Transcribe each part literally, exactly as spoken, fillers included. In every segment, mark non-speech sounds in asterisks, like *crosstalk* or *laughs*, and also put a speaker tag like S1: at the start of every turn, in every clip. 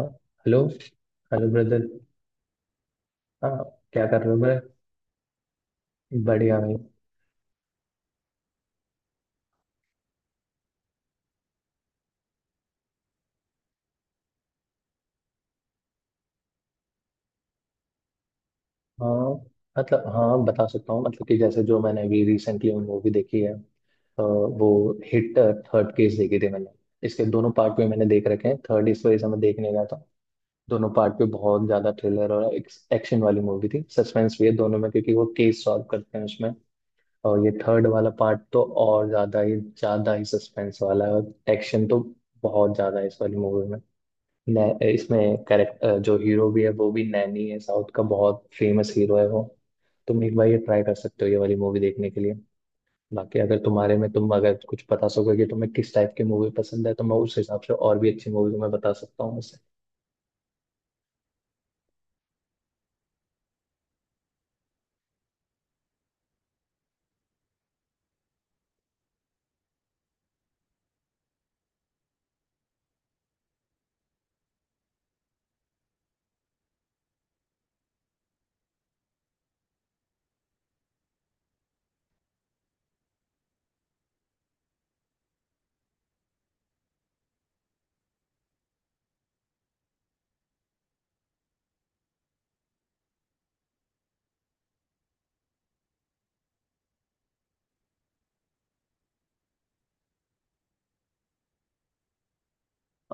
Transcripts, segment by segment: S1: हाँ, hello. Hello brother. हाँ। क्या कर रहे हो ब्रदर? बढ़िया भाई। हाँ, मतलब हाँ, बता सकता हूँ। मतलब कि जैसे जो मैंने अभी रिसेंटली मूवी देखी है अ, वो हिट थर्ड केस देखी थी मैंने। इसके दोनों पार्ट भी मैंने देख रखे हैं, थर्ड इस वजह से मैं देखने गया था। दोनों पार्ट पे बहुत ज्यादा थ्रिलर और एक्शन वाली मूवी थी। सस्पेंस भी है दोनों में क्योंकि वो केस सॉल्व करते हैं उसमें। और ये थर्ड वाला पार्ट तो और ज्यादा ही ज्यादा ही सस्पेंस वाला है और एक्शन तो बहुत ज्यादा है इस वाली मूवी में। नै- इसमें कैरेक्टर जो हीरो भी है वो भी नैनी है। साउथ का बहुत फेमस हीरो है वो। तुम एक बार ये ट्राई कर सकते हो ये वाली मूवी देखने के लिए। बाकी अगर तुम्हारे में तुम अगर कुछ बता सको कि तुम्हें किस टाइप की मूवी पसंद है तो मैं उस हिसाब से और भी अच्छी मूवी तुम्हें बता सकता हूँ वैसे।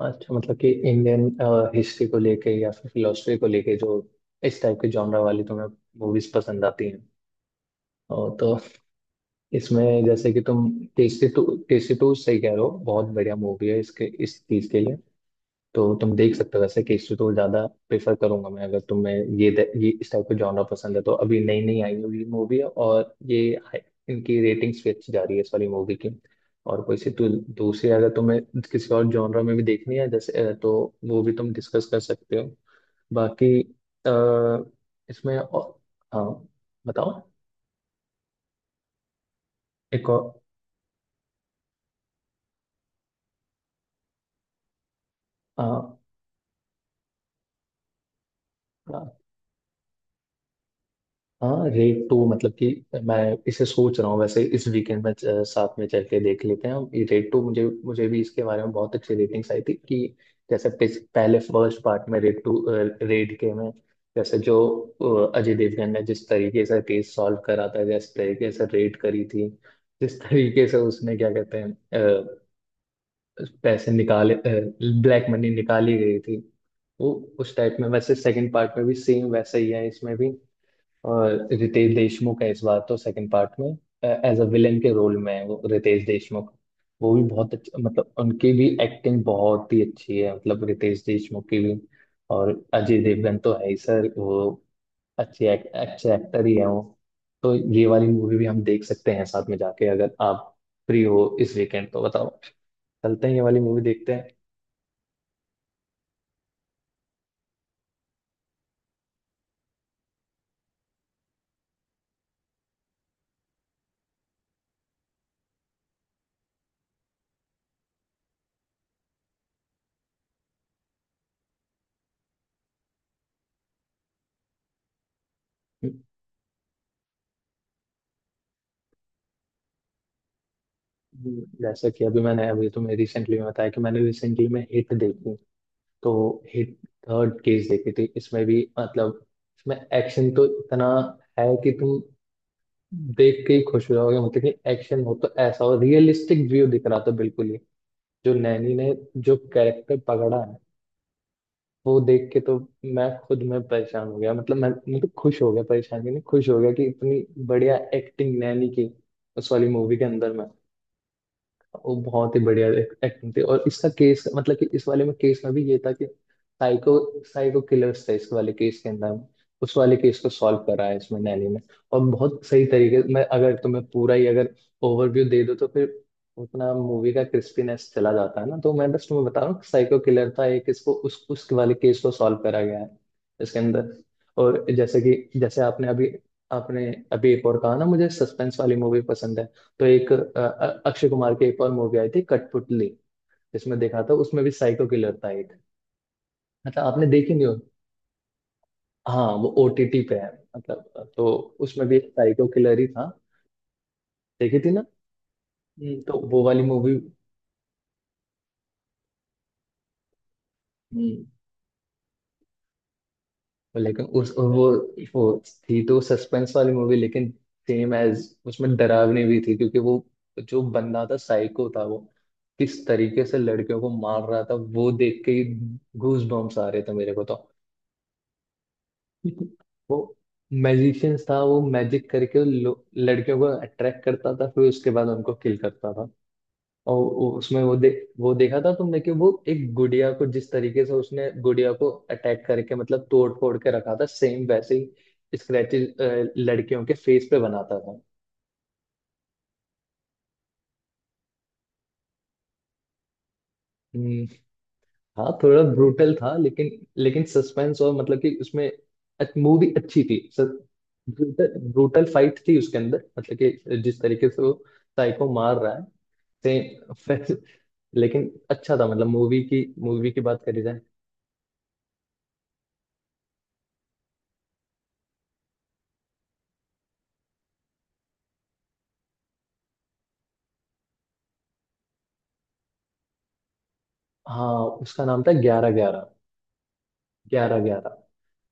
S1: अच्छा, मतलब कि इंडियन हिस्ट्री को लेके या फिर फिलोसफी को लेके जो इस टाइप के जॉनरा वाली तुम्हें मूवीज पसंद आती हैं? और तो इसमें जैसे कि तुम टेस्टी टू, टेस्टी टू सही कह रहे हो, बहुत बढ़िया मूवी है इसके इस चीज के लिए। तो तुम देख सकते हो वैसे। केसरी तो ज्यादा प्रेफर करूंगा मैं अगर तुम्हें ये ये इस टाइप का जॉनर पसंद है। तो अभी नई नई आई हुई मूवी है और ये हाई- इनकी रेटिंग्स भी अच्छी जा रही है इस वाली मूवी की। और कोई सी तो दूसरी अगर तुम्हें किसी और जॉनर में भी देखनी है जैसे अ, तो वो भी तुम डिस्कस कर सकते हो। बाकी अ, इसमें और, हाँ, बताओ। एक और। हाँ, हाँ। हाँ, रेड टू मतलब कि मैं इसे सोच रहा हूँ वैसे इस वीकेंड में अ, साथ में चल के देख लेते हैं हम ये रेड टू। मुझे मुझे भी इसके बारे में बहुत अच्छी रेटिंग्स आई थी कि जैसे पिस- पहले फर्स्ट पार्ट में रेड टू, रेड के में जैसे जो अ, अजय देवगन ने जिस तरीके से केस सॉल्व करा था, जिस तरीके से रेड करी थी, जिस तरीके से उसने क्या कहते हैं अ, पैसे निकाले, ब्लैक मनी निकाली गई थी वो। उस टाइप में वैसे सेकंड पार्ट में भी सेम वैसा ही है इसमें भी। और रितेश देशमुख है इस बार तो सेकंड पार्ट में, एज अ विलन के रोल में है वो रितेश देशमुख। वो भी बहुत अच्छा, मतलब उनकी भी एक्टिंग बहुत ही अच्छी है मतलब रितेश देशमुख की भी। और अजय देवगन तो है ही सर वो, अच्छे act- अच्छे एक्टर ही है वो। तो ये वाली मूवी भी हम देख सकते हैं साथ में जाके, अगर आप फ्री हो इस वीकेंड तो बताओ, चलते हैं ये वाली मूवी देखते हैं। हम्म, जैसा कि अभी मैंने अभी तुम्हें रिसेंटली में बताया कि मैंने रिसेंटली में हिट देखी। तो हिट थर्ड केस देखी थी, इसमें भी मतलब इसमें एक्शन तो इतना है कि तुम देख के ही खुश हो जाओगे। मतलब कि एक्शन हो तो ऐसा हो, रियलिस्टिक व्यू दिख रहा था बिल्कुल ही। जो नैनी ने जो कैरेक्टर पकड़ा है वो देख के तो मैं खुद में परेशान हो गया, मतलब मैं, मतलब खुश हो गया, परेशान भी नहीं, खुश हो गया कि इतनी बढ़िया एक्टिंग नैनी की उस वाली मूवी के अंदर में। वो बहुत ही बढ़िया एक्टिंग थी। और इसका केस मतलब कि इस वाले में केस में भी ये था कि साइको, साइको किलर्स था इस वाले केस के अंदर में। उस वाले केस को सॉल्व करा है इसमें नैली ने, और बहुत सही तरीके। मैं अगर तुम्हें पूरा ही अगर ओवरव्यू दे दो तो फिर उतना मूवी का क्रिस्पीनेस चला जाता है ना। तो मैं बस तुम्हें बता रहा हूँ साइको किलर था एक, इसको उस उस वाले केस को सॉल्व करा गया है इसके अंदर। और जैसे कि जैसे आपने अभी आपने अभी एक और कहा ना, मुझे सस्पेंस वाली मूवी पसंद है। तो एक अ, अ- अक्षय कुमार की एक और मूवी आई थी कठपुतली, जिसमें देखा था उसमें भी साइको किलर था एक। मतलब आपने देखी नहीं हो? हाँ, वो ओटीटी पे है, मतलब तो उसमें भी एक साइको किलर ही था। देखी थी ना। हम्म, तो वो वाली मूवी, लेकिन उस वो वो थी तो सस्पेंस वाली मूवी, लेकिन सेम एज उसमें डरावनी भी थी क्योंकि वो जो बंदा था साइको था वो किस तरीके से लड़कियों को मार रहा था वो देख के ही गूज बम्स आ रहे थे मेरे को। तो वो मैजिशियंस था। वो मैजिक करके लो- लड़कियों को अट्रैक्ट करता था, फिर उसके बाद उनको किल करता था। और वो- उसमें वो दे वो देखा था तुमने कि वो एक गुड़िया को जिस तरीके से उसने गुड़िया को अटैक करके, मतलब तोड़ फोड़ के रखा था, सेम वैसे ही स्क्रैचेस लड़कियों के फेस पे बनाता था। हम्म, हाँ, थोड़ा ब्रूटल था लेकिन, लेकिन सस्पेंस और मतलब कि उसमें मूवी अच्छी थी। ब्रूटल ब्रूटल फाइट थी उसके अंदर, मतलब कि जिस तरीके से वो साइको मार रहा है, सेम। लेकिन अच्छा था, मतलब मूवी की, मूवी की बात करी जाए। हाँ, उसका नाम था ग्यारह ग्यारह ग्यारह ग्यारह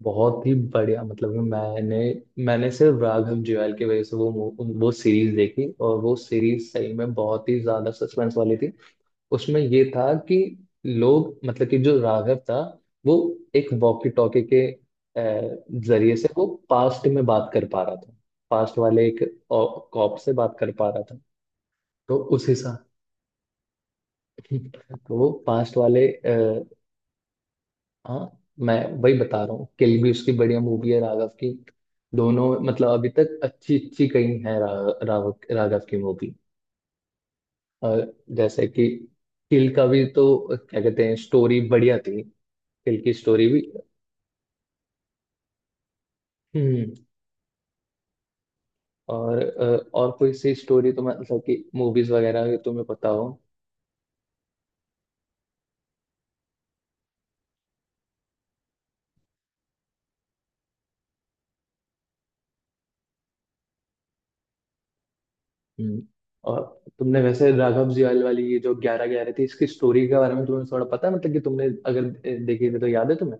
S1: बहुत ही बढ़िया, मतलब कि मैंने मैंने सिर्फ राघव जुयाल की वजह से वो मू- वो सीरीज देखी, और वो सीरीज सही में बहुत ही ज्यादा सस्पेंस वाली थी। उसमें ये था कि लोग, मतलब कि जो राघव था वो एक वॉकी टॉकी के अ, जरिए से वो पास्ट में बात कर पा रहा था। पास्ट वाले एक कॉप से बात कर पा रहा था। तो उस हिसाब वो पास्ट वाले आ, हाँ, मैं वही बता रहा हूँ। किल भी उसकी बढ़िया मूवी है राघव की। दोनों, मतलब अभी तक अच्छी अच्छी कई है रा, राघव, राघव की मूवी। और जैसे कि किल का भी तो क्या कहते हैं, स्टोरी बढ़िया थी, किल की स्टोरी भी। हम्म और अ, और कोई सी स्टोरी तो मतलब कि मूवीज वगैरह की तुम्हें पता हो? हम्म और तुमने वैसे राघव जुयाल वाली ये जो ग्यारह ग्यारह थी इसकी स्टोरी के बारे में तुम्हें थोड़ा पता है मतलब कि तुमने अगर देखी थी तो याद है तुम्हें?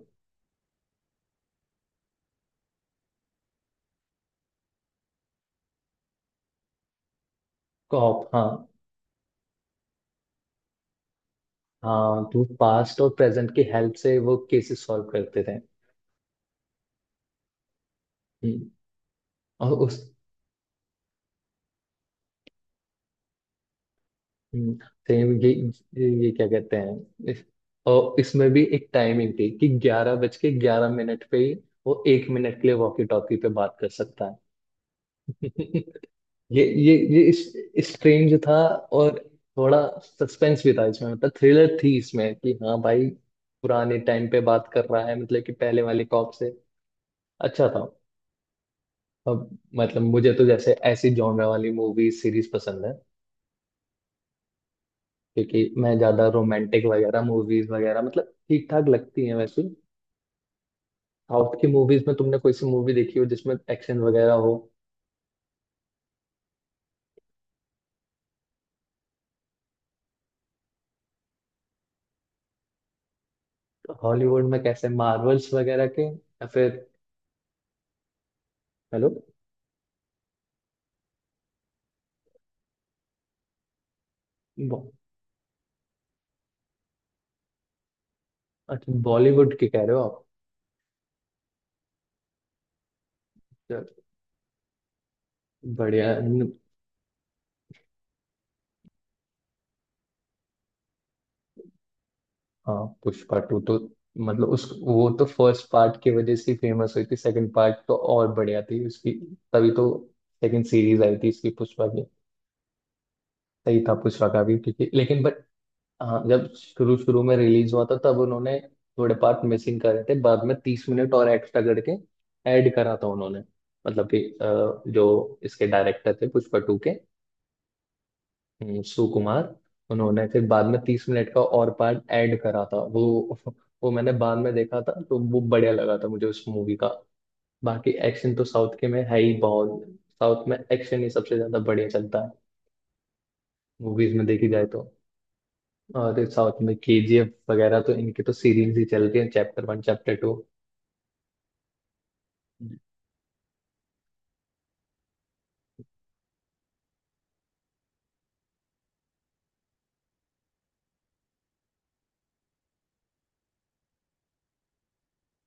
S1: कॉप, हाँ। हाँ, तो पास्ट और प्रेजेंट की हेल्प से वो केसेस सॉल्व करते थे। हम्म, और उस, हम्म, सेम ये, ये क्या कहते हैं इस, और इसमें भी एक टाइमिंग थी कि ग्यारह बज के ग्यारह मिनट पे ही वो एक मिनट के लिए वॉकी टॉकी पे बात कर सकता है। *laughs* ये ये ये इस, स्ट्रेंज था। और थोड़ा सस्पेंस भी था इसमें, मतलब थ्रिलर थी इसमें कि, हाँ भाई, पुराने टाइम पे बात कर रहा है मतलब कि पहले वाले कॉप से। अच्छा था। अब मतलब मुझे तो जैसे ऐसी जॉनर वाली मूवीज सीरीज पसंद है, क्योंकि मैं ज्यादा रोमांटिक वगैरह मूवीज वगैरह मतलब ठीक ठाक लगती हैं वैसे। साउथ की मूवीज में तुमने कोई सी मूवी देखी हो जिसमें एक्शन वगैरह हो? हॉलीवुड में कैसे, मार्वल्स वगैरह के, या फिर? हेलो। बॉ- अच्छा, बॉलीवुड की कह रहे हो आप? चल, बढ़िया है। न- हाँ, पुष्पा टू तो मतलब उस, वो तो फर्स्ट पार्ट की वजह से फेमस हुई थी। सेकंड पार्ट तो और बढ़िया थी उसकी। तभी तो सेकंड सीरीज आई थी इसकी पुष्पा की। सही था पुष्पा का भी क्योंकि, लेकिन बट हाँ, जब शुरू शुरू में रिलीज हुआ था तब उन्होंने थोड़े पार्ट मिसिंग करे थे, बाद में तीस मिनट और एक्स्ट्रा करके ऐड करा था उन्होंने। मतलब कि अ, जो इसके डायरेक्टर थे पुष्पा टू के, हम्म, सुकुमार, उन्होंने फिर बाद में तीस मिनट का और पार्ट ऐड करा था वो। वो मैंने बाद में देखा था, तो वो बढ़िया लगा था मुझे उस मूवी का। बाकी एक्शन तो साउथ के में है ही बहुत। साउथ में एक्शन ही सबसे ज्यादा बढ़िया चलता है मूवीज में, देखी जाए तो। अरे, साउथ में केजीएफ वगैरह तो इनकी तो सीरीज ही चल रही है, चैप्टर वन, चैप्टर टू।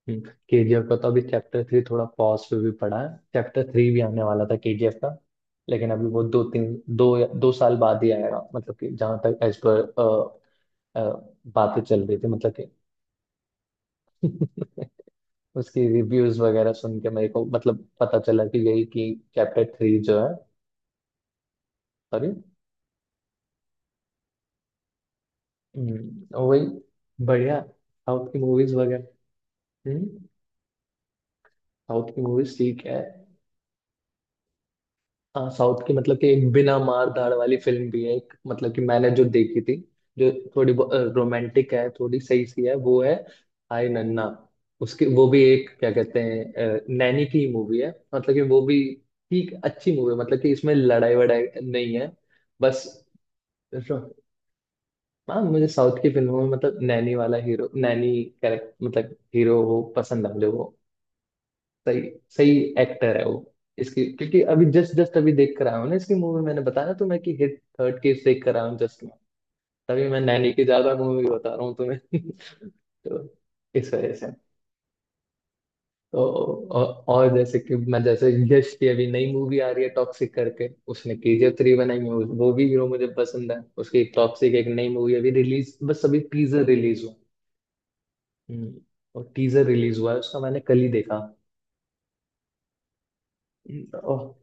S1: हम्म, केजीएफ का तो अभी चैप्टर थ्री थोड़ा पॉज पे भी पड़ा है। चैप्टर थ्री भी आने वाला था केजीएफ का, लेकिन अभी वो दो तीन दो या- दो साल बाद ही आएगा, मतलब कि जहां तक एज पर बातें चल रही थी, मतलब कि *laughs* उसकी रिव्यूज वगैरह सुन के मेरे को मतलब पता चला कि यही कि चैप्टर थ्री जो है, सॉरी, वही। बढ़िया साउथ की मूवीज वगैरह। हम्म साउथ की मूवीज ठीक है। हाँ साउथ की, मतलब कि एक बिना मार धाड़ वाली फिल्म भी है एक, मतलब कि मैंने जो देखी थी जो थोड़ी रोमांटिक है, थोड़ी सही सी है, वो है हाय नन्ना। उसके, वो भी एक क्या कहते हैं अ, नैनी की मूवी है, मतलब कि वो भी ठीक अच्छी मूवी है, मतलब कि इसमें लड़ाई वड़ाई नहीं है बस। रो- हाँ, मुझे साउथ की फिल्मों में मतलब नैनी वाला हीरो, नैनी कैरेक्टर मतलब हीरो वो पसंद है मुझे वो। सही, सही एक्टर है वो। इसकी क्योंकि अभी जस्ट जस्ट अभी देख कर आया हूँ ना इसकी मूवी, मैंने बताया ना तुम्हें कि हिट थर्ड केस देख कर आया हूँ जस्ट में। तभी मैं नैनी की ज्यादा मूवी बता रहा हूँ तुम्हें *laughs* तो इस वजह से। तो औ- और जैसे कि मैं, जैसे यश की अभी नई मूवी आ रही है टॉक्सिक करके, उसने के जी एफ थ्री बनाई है। उस- वो भी हीरो मुझे पसंद है। उसकी एक टॉक्सिक, एक नई मूवी अभी रिलीज, बस अभी टीजर रिलीज हुआ। हम्म, और टीजर रिलीज हुआ है उसका, मैंने कल ही देखा। हम्म, तो,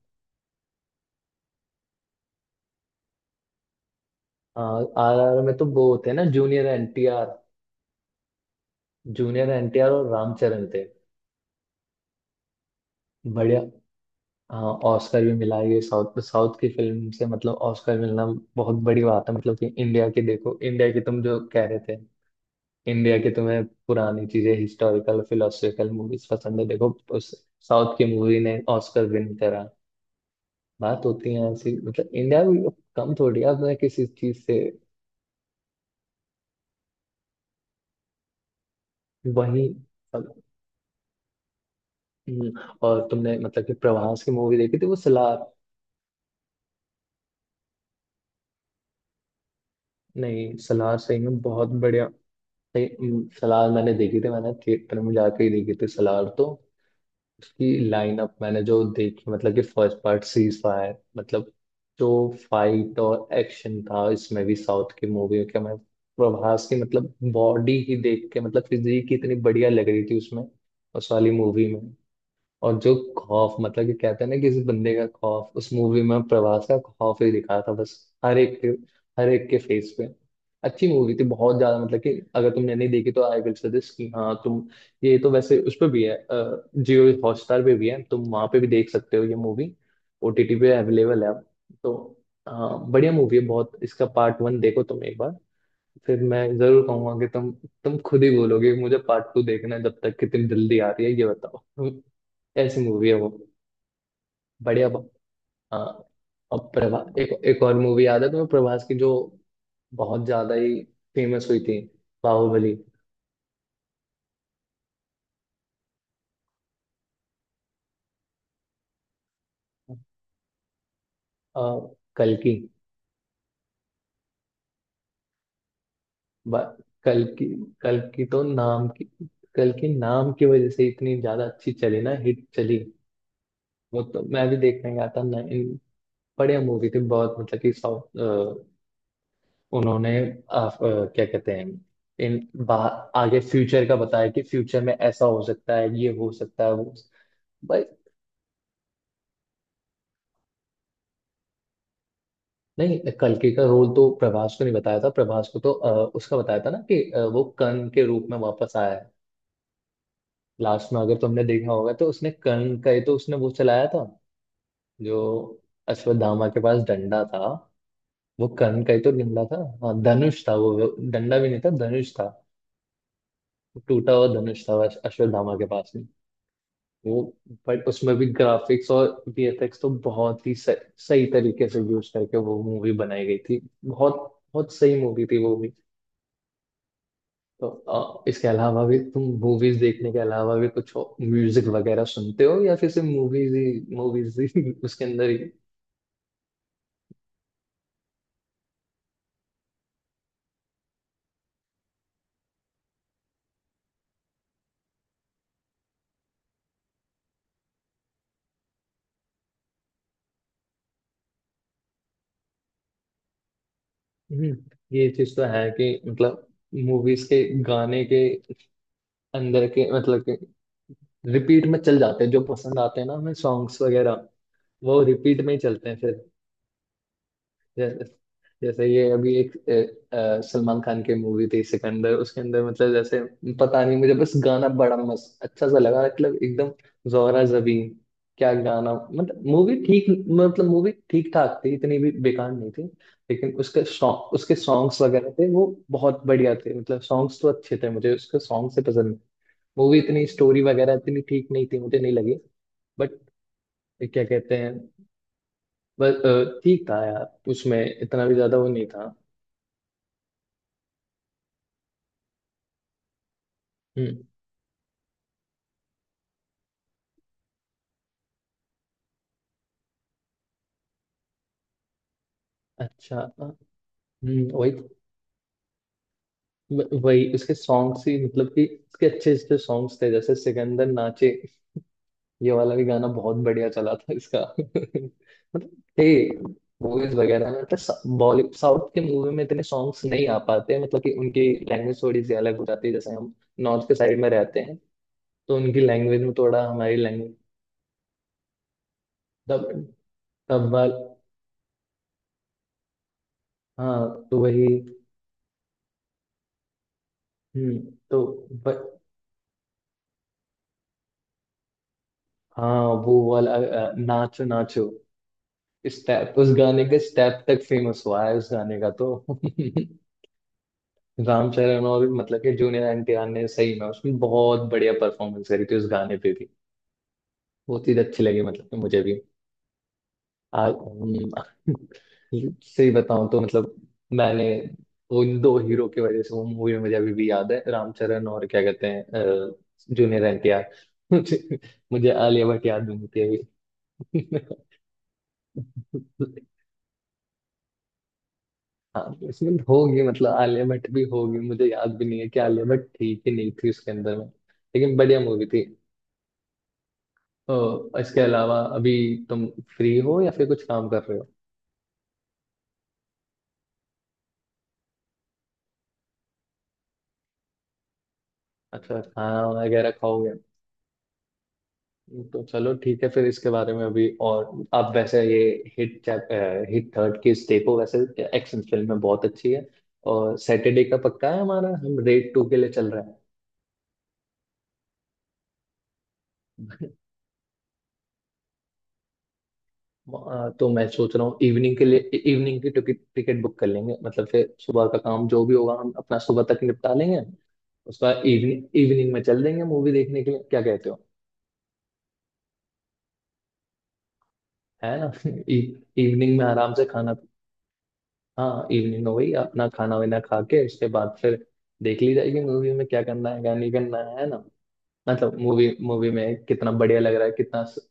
S1: हाँ, आर आर में तो वो होते हैं ना, junior N T R. Junior NTR और रामचरण थे। बढ़िया। हाँ, ऑस्कर भी मिला ये साउथ, साउथ की फिल्म से। मतलब ऑस्कर मिलना बहुत बड़ी बात है। मतलब कि इंडिया की, देखो इंडिया की तुम जो कह रहे थे, इंडिया की तुम्हें पुरानी चीजें, हिस्टोरिकल, फिलोसफिकल मूवीज पसंद है। देखो उस साउथ की मूवी ने ऑस्कर विन करा। बात होती है ऐसी। मतलब इंडिया भी कम थोड़ी है अपने किसी चीज से। वही। हम्म, और तुमने मतलब कि प्रभास की मूवी देखी थी, वो सलार? नहीं, सलार सही में बहुत बढ़िया। सही। सलार मैंने देखी थी, मैंने थिएटर में जाके ही देखी थी सलार तो। उसकी लाइनअप मैंने जो देखी मतलब कि फर्स्ट पार्ट सीज फायर, मतलब जो फाइट और एक्शन था इसमें भी, साउथ की मूवी के मैं। प्रभास की मतलब बॉडी ही देख के, मतलब फिजिक ही इतनी बढ़िया लग रही थी उसमें, उस वाली मूवी में। और जो खौफ, मतलब कि कहते हैं ना किसी बंदे का खौफ, उस मूवी में प्रभास का खौफ ही दिखा था, बस हर एक के, हर एक के फेस पे। अच्छी मूवी थी, बहुत ज्यादा। मतलब कि अगर तुमने नहीं देखी तो आई विल सजेस्ट कि हाँ तुम, ये तो वैसे उस पर भी है, जियो हॉटस्टार पे भी है, तुम वहां पे भी देख सकते हो ये मूवी। ओटीटी पे अवेलेबल है अब। तो हाँ, बढ़िया मूवी है बहुत। इसका पार्ट वन देखो तुम एक बार। फिर मैं जरूर कहूंगा कि तुम तुम खुद ही बोलोगे कि मुझे पार्ट टू देखना है। जब तक कि तुम, जल्दी आ रही है ये बताओ। हम्म, ऐसी मूवी है वो। बढ़िया। ब- हाँ। और प्रभा एक, एक और मूवी याद है तुम्हें प्रभास की, जो बहुत ज्यादा ही फेमस हुई थी, बाहुबली। आ, कल की। ब- कल की। कल की तो नाम की, कल की नाम की वजह से इतनी ज्यादा अच्छी चली ना, हिट चली। वो तो मैं भी देखने गया था ना इन। बढ़िया मूवी थी बहुत, मतलब कि साउथ। उन्होंने अ, अ, क्या कहते हैं, इन बा आगे फ्यूचर का बताया कि फ्यूचर में ऐसा हो सकता है, ये हो सकता है, वो हो सकता है। भाई। नहीं, कल्कि का रोल तो प्रभास को नहीं बताया था। प्रभास को तो अ, उसका बताया था ना कि अ, वो कर्ण के रूप में वापस आया है। लास्ट में अगर तुमने देखा होगा तो उसने कर्ण का ही तो, उसने वो चलाया था, जो अश्वत्थामा के पास डंडा था, वो कर्ण का ही तो डंडा था। हाँ, धनुष था वो, डंडा भी नहीं था, धनुष था। टूटा हुआ धनुष था अश्वत्थामा के पास में। वो, बट उसमें भी ग्राफिक्स और वी एफ एक्स तो बहुत ही सही, सही तरीके से यूज करके वो मूवी बनाई गई थी। बहुत, बहुत सही मूवी थी वो भी। तो अ, इसके अलावा भी, तुम मूवीज देखने के अलावा भी कुछ म्यूजिक वगैरह सुनते हो, या फिर सिर्फ मूवीज ही, मूवीज ही *laughs* उसके अंदर ही? हम्म, ये चीज तो है कि मतलब मूवीज के गाने के अंदर के, मतलब के, रिपीट में चल जाते हैं जो पसंद आते हैं ना हमें सॉन्ग्स वगैरह, वो रिपीट में ही चलते हैं फिर। जैसे, जैसे ये अभी एक अ, अ, सलमान खान की मूवी थी सिकंदर, उसके अंदर मतलब जैसे, पता नहीं मुझे, बस गाना बड़ा मस्त अच्छा सा लगा, मतलब एकदम, जोहरा जबीन। क्या गाना, मतलब मूवी ठीक, मतलब मूवी ठीक ठाक थी, इतनी भी बेकार नहीं थी। लेकिन उसके सॉन्ग, उसके सॉन्ग्स वगैरह थे, वो बहुत बढ़िया थे। मतलब सॉन्ग्स तो अच्छे थे मुझे, उसके सॉन्ग से पसंद। मूवी इतनी, स्टोरी वगैरह इतनी ठीक नहीं थी, मुझे नहीं लगी। बट क्या कहते हैं, बस अ, ठीक था यार, उसमें इतना भी ज्यादा वो नहीं था। हम्म। अच्छा। अ, हम्म। वही, व- वही उसके सॉन्ग्स ही, मतलब कि उसके अच्छे अच्छे सॉन्ग्स थे, जैसे सिकंदर नाचे, ये वाला भी गाना बहुत बढ़िया चला था इसका *laughs* मतलब थे। मूवीज वगैरह में मतलब बॉलीवुड, साउथ के मूवी में इतने सॉन्ग्स नहीं आ पाते, मतलब कि उनकी लैंग्वेज थोड़ी सी अलग हो जाती है। जैसे हम नॉर्थ के साइड में रहते हैं, तो उनकी लैंग्वेज में थोड़ा हमारी लैंग्वेज। तब तब वाल हाँ तो वही। हम्म। तो व- हाँ, वो वाला अ, नाचो नाचो, स्टेप, उस गाने के स्टेप तक फेमस हुआ है उस गाने का तो *laughs* राम चरण और मतलब कि जूनियर एन टी आर ने सही में उसमें बहुत बढ़िया परफॉर्मेंस करी थी, उस गाने पे भी। बहुत ही अच्छी लगी मतलब कि, मुझे भी। आ, हम्म, *laughs* सही बताऊं तो मतलब, मैंने उन दो हीरो की वजह से, वो मूवी मुझे अभी भी याद है, रामचरण और क्या कहते हैं, जूनियर एन टी आर *laughs* मुझे, मुझे आलिया भट्ट याद नहीं थी। अभी *laughs* हाँ प्लेसमेंट होगी, मतलब आलिया भट्ट भी होगी, मुझे याद भी नहीं है कि आलिया भट्ट थी कि नहीं थी उसके अंदर में, लेकिन बढ़िया मूवी थी। तो इसके अलावा, अभी तुम फ्री हो या फिर कुछ काम कर रहे हो? अच्छा, खाना वगैरह खाओगे? तो चलो ठीक है। फिर इसके बारे में अभी और आप वैसे, ये हिट चैप हिट थर्ड की देखो वैसे, एक्शन फिल्म में बहुत अच्छी है। और सैटरडे का पक्का है हमारा, हम रेड टू के लिए चल रहा है। आ, तो मैं सोच रहा हूँ इवनिंग के लिए, इवनिंग की टिकट, टिकट बुक कर लेंगे। मतलब फिर सुबह का काम जो भी होगा, हम अपना सुबह तक निपटा लेंगे। उसके बाद इवनिंग, इवनिंग में चल देंगे मूवी देखने के लिए। क्या कहते हो, है ना? *laughs* इवनिंग में आराम से खाना, हाँ इवनिंग हो गई, अपना खाना वाना खा के, उसके बाद फिर देख ली जाएगी मूवी। में क्या करना है, क्या नहीं करना है है ना? मतलब मूवी, मूवी में कितना बढ़िया लग रहा है, कितना स-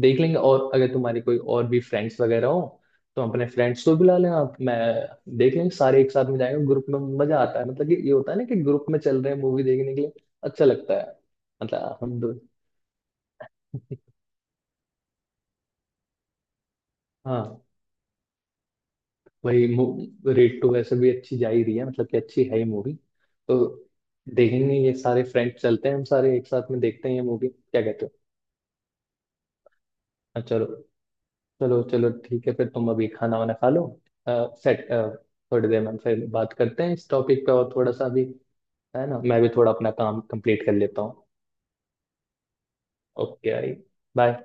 S1: देख लेंगे। और अगर तुम्हारी कोई और भी फ्रेंड्स वगैरह हो, तो अपने फ्रेंड्स को बुला लें आप, मैं देख लेंगे सारे। एक साथ में जाएंगे ग्रुप में, मजा आता है मतलब कि। ये होता है ना, कि ग्रुप में चल रहे हैं मूवी देखने के लिए, अच्छा लगता है। मतलब हम दो *laughs* हाँ वही, रेट टू वैसे भी अच्छी जा ही रही है, मतलब कि अच्छी है ही मूवी। तो देखेंगे, ये सारे फ्रेंड्स चलते हैं, हम सारे एक साथ में देखते हैं ये मूवी, क्या कहते हो? हाँ, चलो। चलो, चलो ठीक है फिर। तुम अभी खाना वाना खा लो, सेट। थोड़ी देर में हम फिर बात करते हैं इस टॉपिक पे, और थोड़ा सा भी, है ना। मैं भी थोड़ा अपना काम कंप्लीट कर लेता हूँ। ओके। I bye.